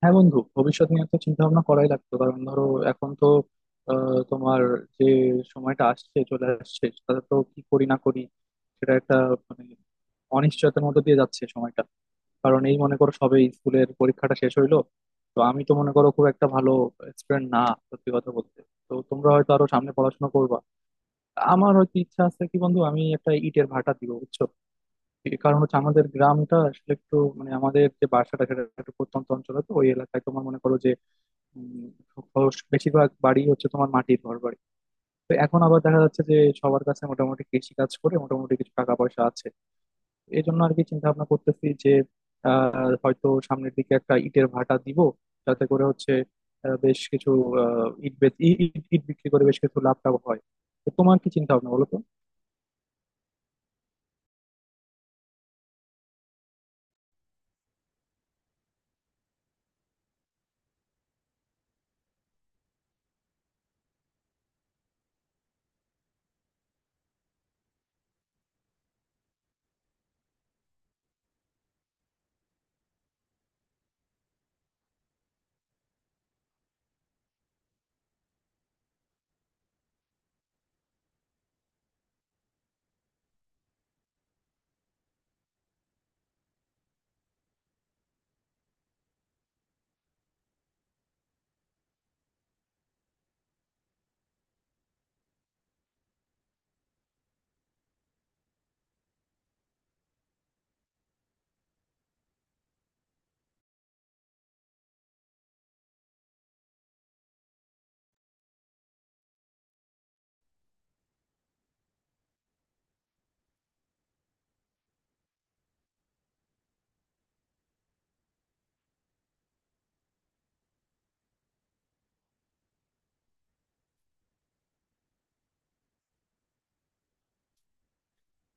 হ্যাঁ বন্ধু, ভবিষ্যৎ নিয়ে তো চিন্তা ভাবনা করাই লাগতো। কারণ ধরো, এখন তো তোমার যে সময়টা আসছে, চলে আসছে, তাতে তো কি করি না করি সেটা একটা মানে অনিশ্চয়তার মধ্যে দিয়ে যাচ্ছে সময়টা। কারণ এই মনে করো, সবে স্কুলের পরীক্ষাটা শেষ হইলো। তো আমি তো মনে করো খুব একটা ভালো স্টুডেন্ট না, সত্যি কথা বলতে। তো তোমরা হয়তো আরো সামনে পড়াশোনা করবা, আমার হয়তো ইচ্ছা আছে কি বন্ধু, আমি একটা ইটের ভাটা দিব, বুঝছো। এই কারণ হচ্ছে আমাদের গ্রামটা আসলে একটু মানে আমাদের যে বাসাটা সেটা একটু প্রত্যন্ত অঞ্চলে, তো ওই এলাকায় তোমার মনে করো যে উম, বেশিরভাগ বাড়ি হচ্ছে তোমার মাটির ঘর বাড়ি। তো এখন আবার দেখা যাচ্ছে যে সবার কাছে মোটামুটি কৃষি কাজ করে মোটামুটি কিছু টাকা পয়সা আছে। এই জন্য আর কি চিন্তা ভাবনা করতেছি যে আহ হয়তো সামনের দিকে একটা ইটের ভাটা দিব, যাতে করে হচ্ছে বেশ কিছু আহ ইট বেচ- ই- ইট ইট বিক্রি করে বেশ কিছু লাভ টাভ হয়। তো তোমার কি চিন্তা ভাবনা, বলো তো।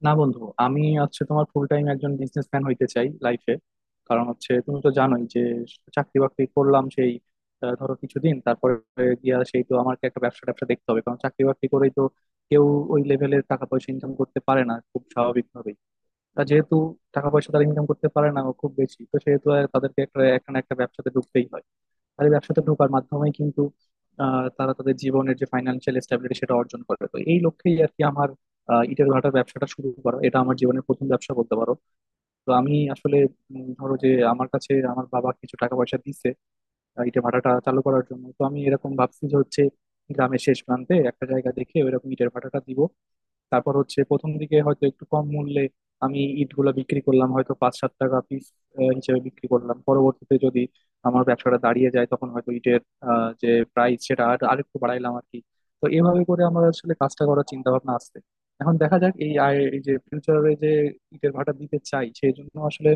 না বন্ধু, আমি হচ্ছে তোমার ফুল টাইম একজন বিজনেসম্যান হইতে চাই লাইফে। কারণ হচ্ছে তুমি তো জানোই যে চাকরি বাকরি করলাম সেই ধরো কিছুদিন, তারপরে গিয়া সেই তো আমাকে একটা ব্যবসা ট্যাবসা দেখতে হবে। কারণ চাকরি বাকরি করেই তো কেউ ওই লেভেলের টাকা পয়সা ইনকাম করতে পারে না, খুব স্বাভাবিকভাবেই। তা যেহেতু টাকা পয়সা তারা ইনকাম করতে পারে না খুব বেশি, তো সেহেতু আর তাদেরকে একটা একটা না একটা ব্যবসাতে ঢুকতেই হয়। আর এই ব্যবসাতে ঢোকার মাধ্যমে কিন্তু তারা তাদের জীবনের যে ফাইন্যান্সিয়াল স্ট্যাবিলিটি সেটা অর্জন করে। তো এই লক্ষ্যেই আর কি আমার ইটের ভাটার ব্যবসাটা শুরু করা, এটা আমার জীবনের প্রথম ব্যবসা বলতে পারো। তো আমি আসলে ধরো যে, আমার কাছে আমার বাবা কিছু টাকা পয়সা দিছে ইটের ভাটাটা চালু করার জন্য। তো আমি এরকম ভাবছি যে হচ্ছে গ্রামের শেষ প্রান্তে একটা জায়গা দেখে ওইরকম ইটের ভাটাটা দিব। তারপর হচ্ছে প্রথম দিকে হয়তো একটু কম মূল্যে আমি ইটগুলো বিক্রি করলাম, হয়তো 5-7 টাকা পিস হিসেবে বিক্রি করলাম। পরবর্তীতে যদি আমার ব্যবসাটা দাঁড়িয়ে যায়, তখন হয়তো ইটের যে প্রাইস সেটা আর আরেকটু বাড়াইলাম আর কি। তো এভাবে করে আমার আসলে কাজটা করার চিন্তা ভাবনা আসছে। এখন দেখা যাক, এই আয় এই যে ফিউচারে যে ইটের ভাটা দিতে চাই, সেই জন্য আসলে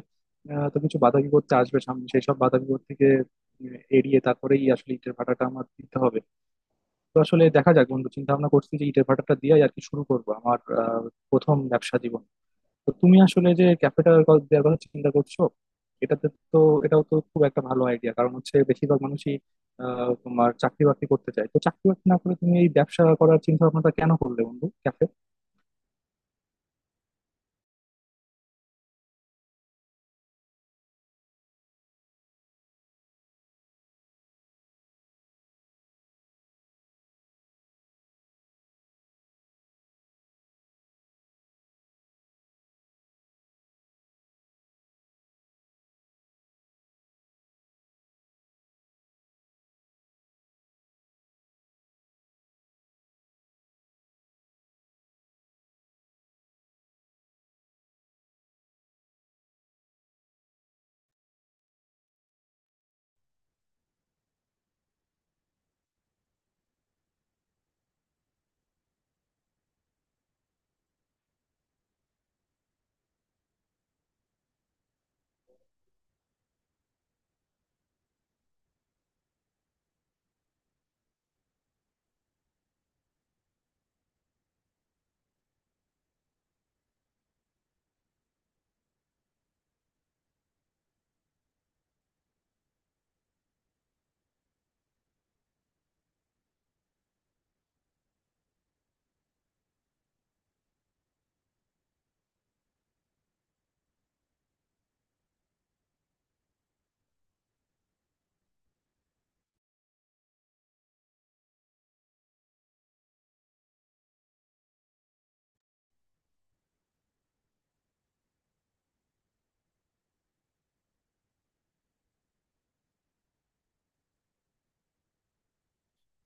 তো কিছু বাধা বিপত্তি আসবে সামনে, সেই সব বাধা বিপত্তিকে এড়িয়ে তারপরেই আসলে ইটের ভাটাটা আমার দিতে হবে। তো আসলে দেখা যাক বন্ধু, চিন্তা ভাবনা করছি যে ইটের ভাটাটা দিয়ে আর কি শুরু করবো আমার প্রথম ব্যবসা জীবন। তো তুমি আসলে যে ক্যাফেটার দেওয়ার কথা চিন্তা করছো, এটাতে তো, এটাও তো খুব একটা ভালো আইডিয়া। কারণ হচ্ছে বেশিরভাগ মানুষই তোমার চাকরি বাকরি করতে চায়। তো চাকরি বাকরি না করে তুমি এই ব্যবসা করার চিন্তা ভাবনাটা কেন করলে বন্ধু, ক্যাফে?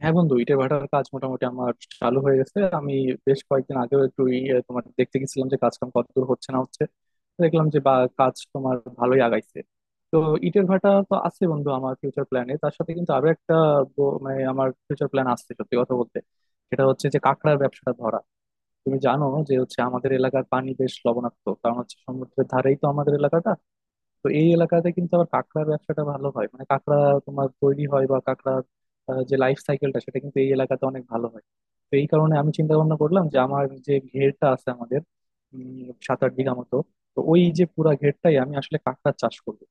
হ্যাঁ বন্ধু, ইটের ভাটার কাজ মোটামুটি আমার চালু হয়ে গেছে। আমি বেশ কয়েকদিন আগেও একটু তোমার দেখতে গেছিলাম যে কাজ কাম কতদূর হচ্ছে না হচ্ছে। দেখলাম যে বা কাজ তোমার ভালোই আগাইছে। তো ইটের ভাটা তো আছে বন্ধু আমার ফিউচার প্ল্যানে, তার সাথে কিন্তু আরো একটা মানে আমার ফিউচার প্ল্যান আছে, সত্যি কথা বলতে। সেটা হচ্ছে যে কাঁকড়ার ব্যবসাটা ধরা। তুমি জানো যে হচ্ছে আমাদের এলাকার পানি বেশ লবণাক্ত, কারণ হচ্ছে সমুদ্রের ধারেই তো আমাদের এলাকাটা। তো এই এলাকাতে কিন্তু আবার কাঁকড়ার ব্যবসাটা ভালো হয়, মানে কাঁকড়া তোমার তৈরি হয় বা কাঁকড়ার যে লাইফ সাইকেলটা সেটা কিন্তু এই এলাকাতে অনেক ভালো হয়। তো এই কারণে আমি চিন্তা ভাবনা করলাম যে আমার যে ঘেরটা আছে আমাদের 7-8 বিঘা মতো, তো ওই যে পুরা ঘেরটাই আমি আসলে কাঁকড়ার চাষ করবো।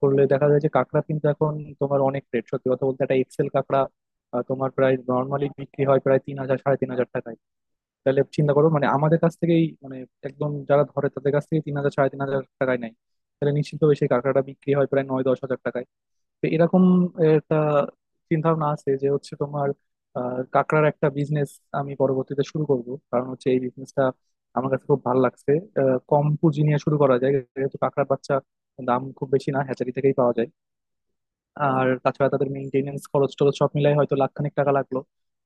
করলে দেখা যায় যে কাঁকড়া কিন্তু এখন তোমার অনেক রেট, সত্যি কথা বলতে একটা এক্সেল কাঁকড়া তোমার প্রায় নর্মালি বিক্রি হয় প্রায় 3,000-3,500 টাকায়। তাহলে চিন্তা করো মানে আমাদের কাছ থেকেই মানে একদম যারা ধরে তাদের কাছ থেকে 3,000-3,500 টাকায় নেয়, তাহলে নিশ্চিতভাবে সেই কাঁকড়াটা বিক্রি হয় প্রায় 9-10 হাজার টাকায়। তো এরকম একটা চিন্তা ভাবনা আছে যে হচ্ছে তোমার কাঁকড়ার একটা বিজনেস আমি পরবর্তীতে শুরু করব। কারণ হচ্ছে এই বিজনেসটা আমার কাছে খুব ভালো লাগছে। কম পুঁজি নিয়ে শুরু করা যায়, যেহেতু কাঁকড়ার বাচ্চা দাম খুব বেশি না, হ্যাচারি থেকেই পাওয়া যায়। আর তাছাড়া তাদের মেইনটেনেন্স খরচ টরচ সব মিলাই হয়তো লাখখানেক টাকা লাগলো,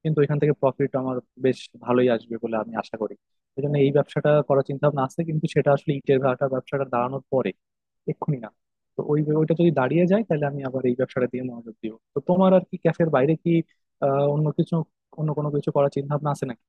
কিন্তু এখান থেকে প্রফিট আমার বেশ ভালোই আসবে বলে আমি আশা করি। এই জন্য এই ব্যবসাটা করার চিন্তা ভাবনা আছে, কিন্তু সেটা আসলে ইটের ভাটা ব্যবসাটা দাঁড়ানোর পরে, এক্ষুনি না। তো ওইটা যদি দাঁড়িয়ে যায় তাহলে আমি আবার এই ব্যবসাটা দিয়ে মনোযোগ দিব। তো তোমার আর কি ক্যাফের বাইরে কি আহ অন্য কিছু অন্য কোনো কিছু করার চিন্তা ভাবনা আছে নাকি?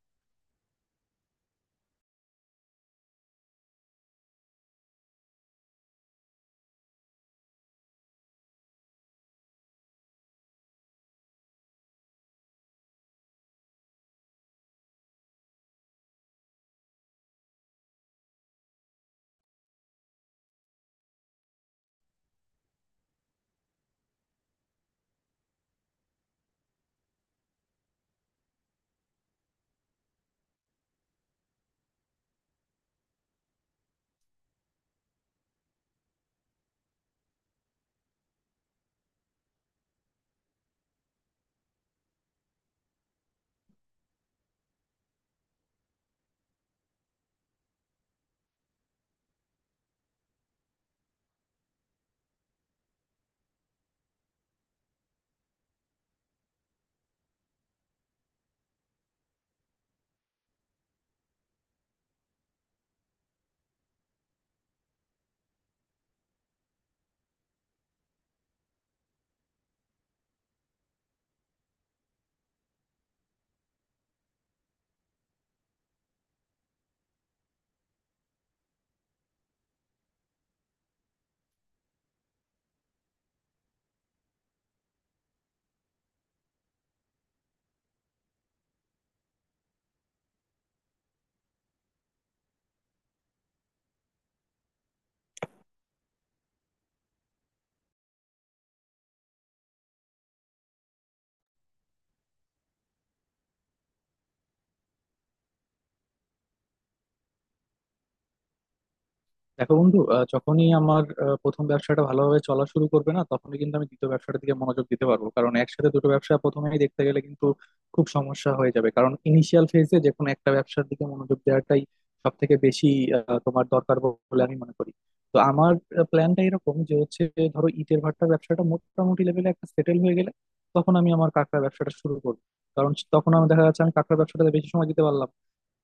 দেখো বন্ধু, যখনই আমার প্রথম ব্যবসাটা ভালোভাবে চলা শুরু করবে না, তখনই কিন্তু আমি দ্বিতীয় ব্যবসাটার দিকে মনোযোগ দিতে পারবো। কারণ একসাথে দুটো ব্যবসা প্রথমেই দেখতে গেলে কিন্তু খুব সমস্যা হয়ে যাবে। কারণ ইনিশিয়াল ফেজে যে কোনো একটা ব্যবসার দিকে মনোযোগ দেওয়াটাই সব থেকে বেশি তোমার দরকার বলে আমি মনে করি। তো আমার প্ল্যানটা এরকম যে হচ্ছে, ধরো ইটের ভাটার ব্যবসাটা মোটামুটি লেভেলে একটা সেটেল হয়ে গেলে, তখন আমি আমার কাঁকড়া ব্যবসাটা শুরু করবো। কারণ তখন আমি দেখা যাচ্ছে আমি কাঁকড়া ব্যবসাটাতে বেশি সময় দিতে পারলাম।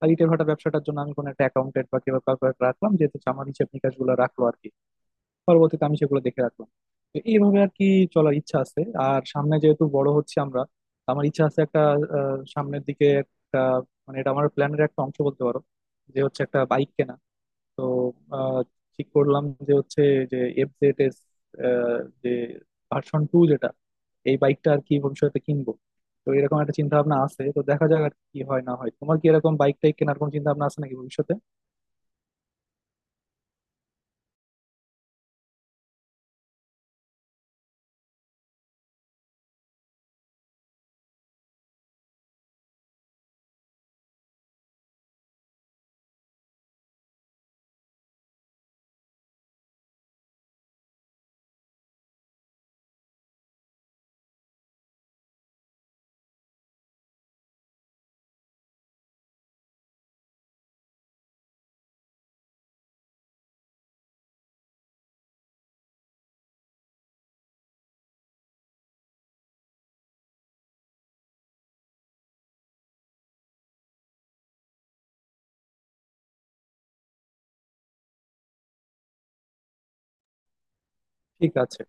আর ইটের ভাটা ব্যবসাটার জন্য আমি কোনো একটা অ্যাকাউন্টেন্ট বা কেউ কাউকে একটা রাখলাম যে হচ্ছে আমার হিসেব নিকাশ গুলো রাখলো আর কি, পরবর্তীতে আমি সেগুলো দেখে রাখলাম। তো এইভাবে আর কি চলার ইচ্ছা আছে। আর সামনে যেহেতু বড় হচ্ছে আমরা, আমার ইচ্ছা আছে একটা সামনের দিকে একটা মানে এটা আমার প্ল্যানের একটা অংশ বলতে পারো, যে হচ্ছে একটা বাইক কেনা। তো আহ, ঠিক করলাম যে হচ্ছে, যে FZS, যে ভার্সন 2, যেটা এই বাইকটা আর কি ভবিষ্যতে কিনবো। তো এরকম একটা চিন্তা ভাবনা আছে। তো দেখা যাক আর কি হয় না হয়। তোমার কি এরকম বাইক টাইক কেনার কোনো চিন্তা ভাবনা আছে নাকি ভবিষ্যতে? ঠিক আছে।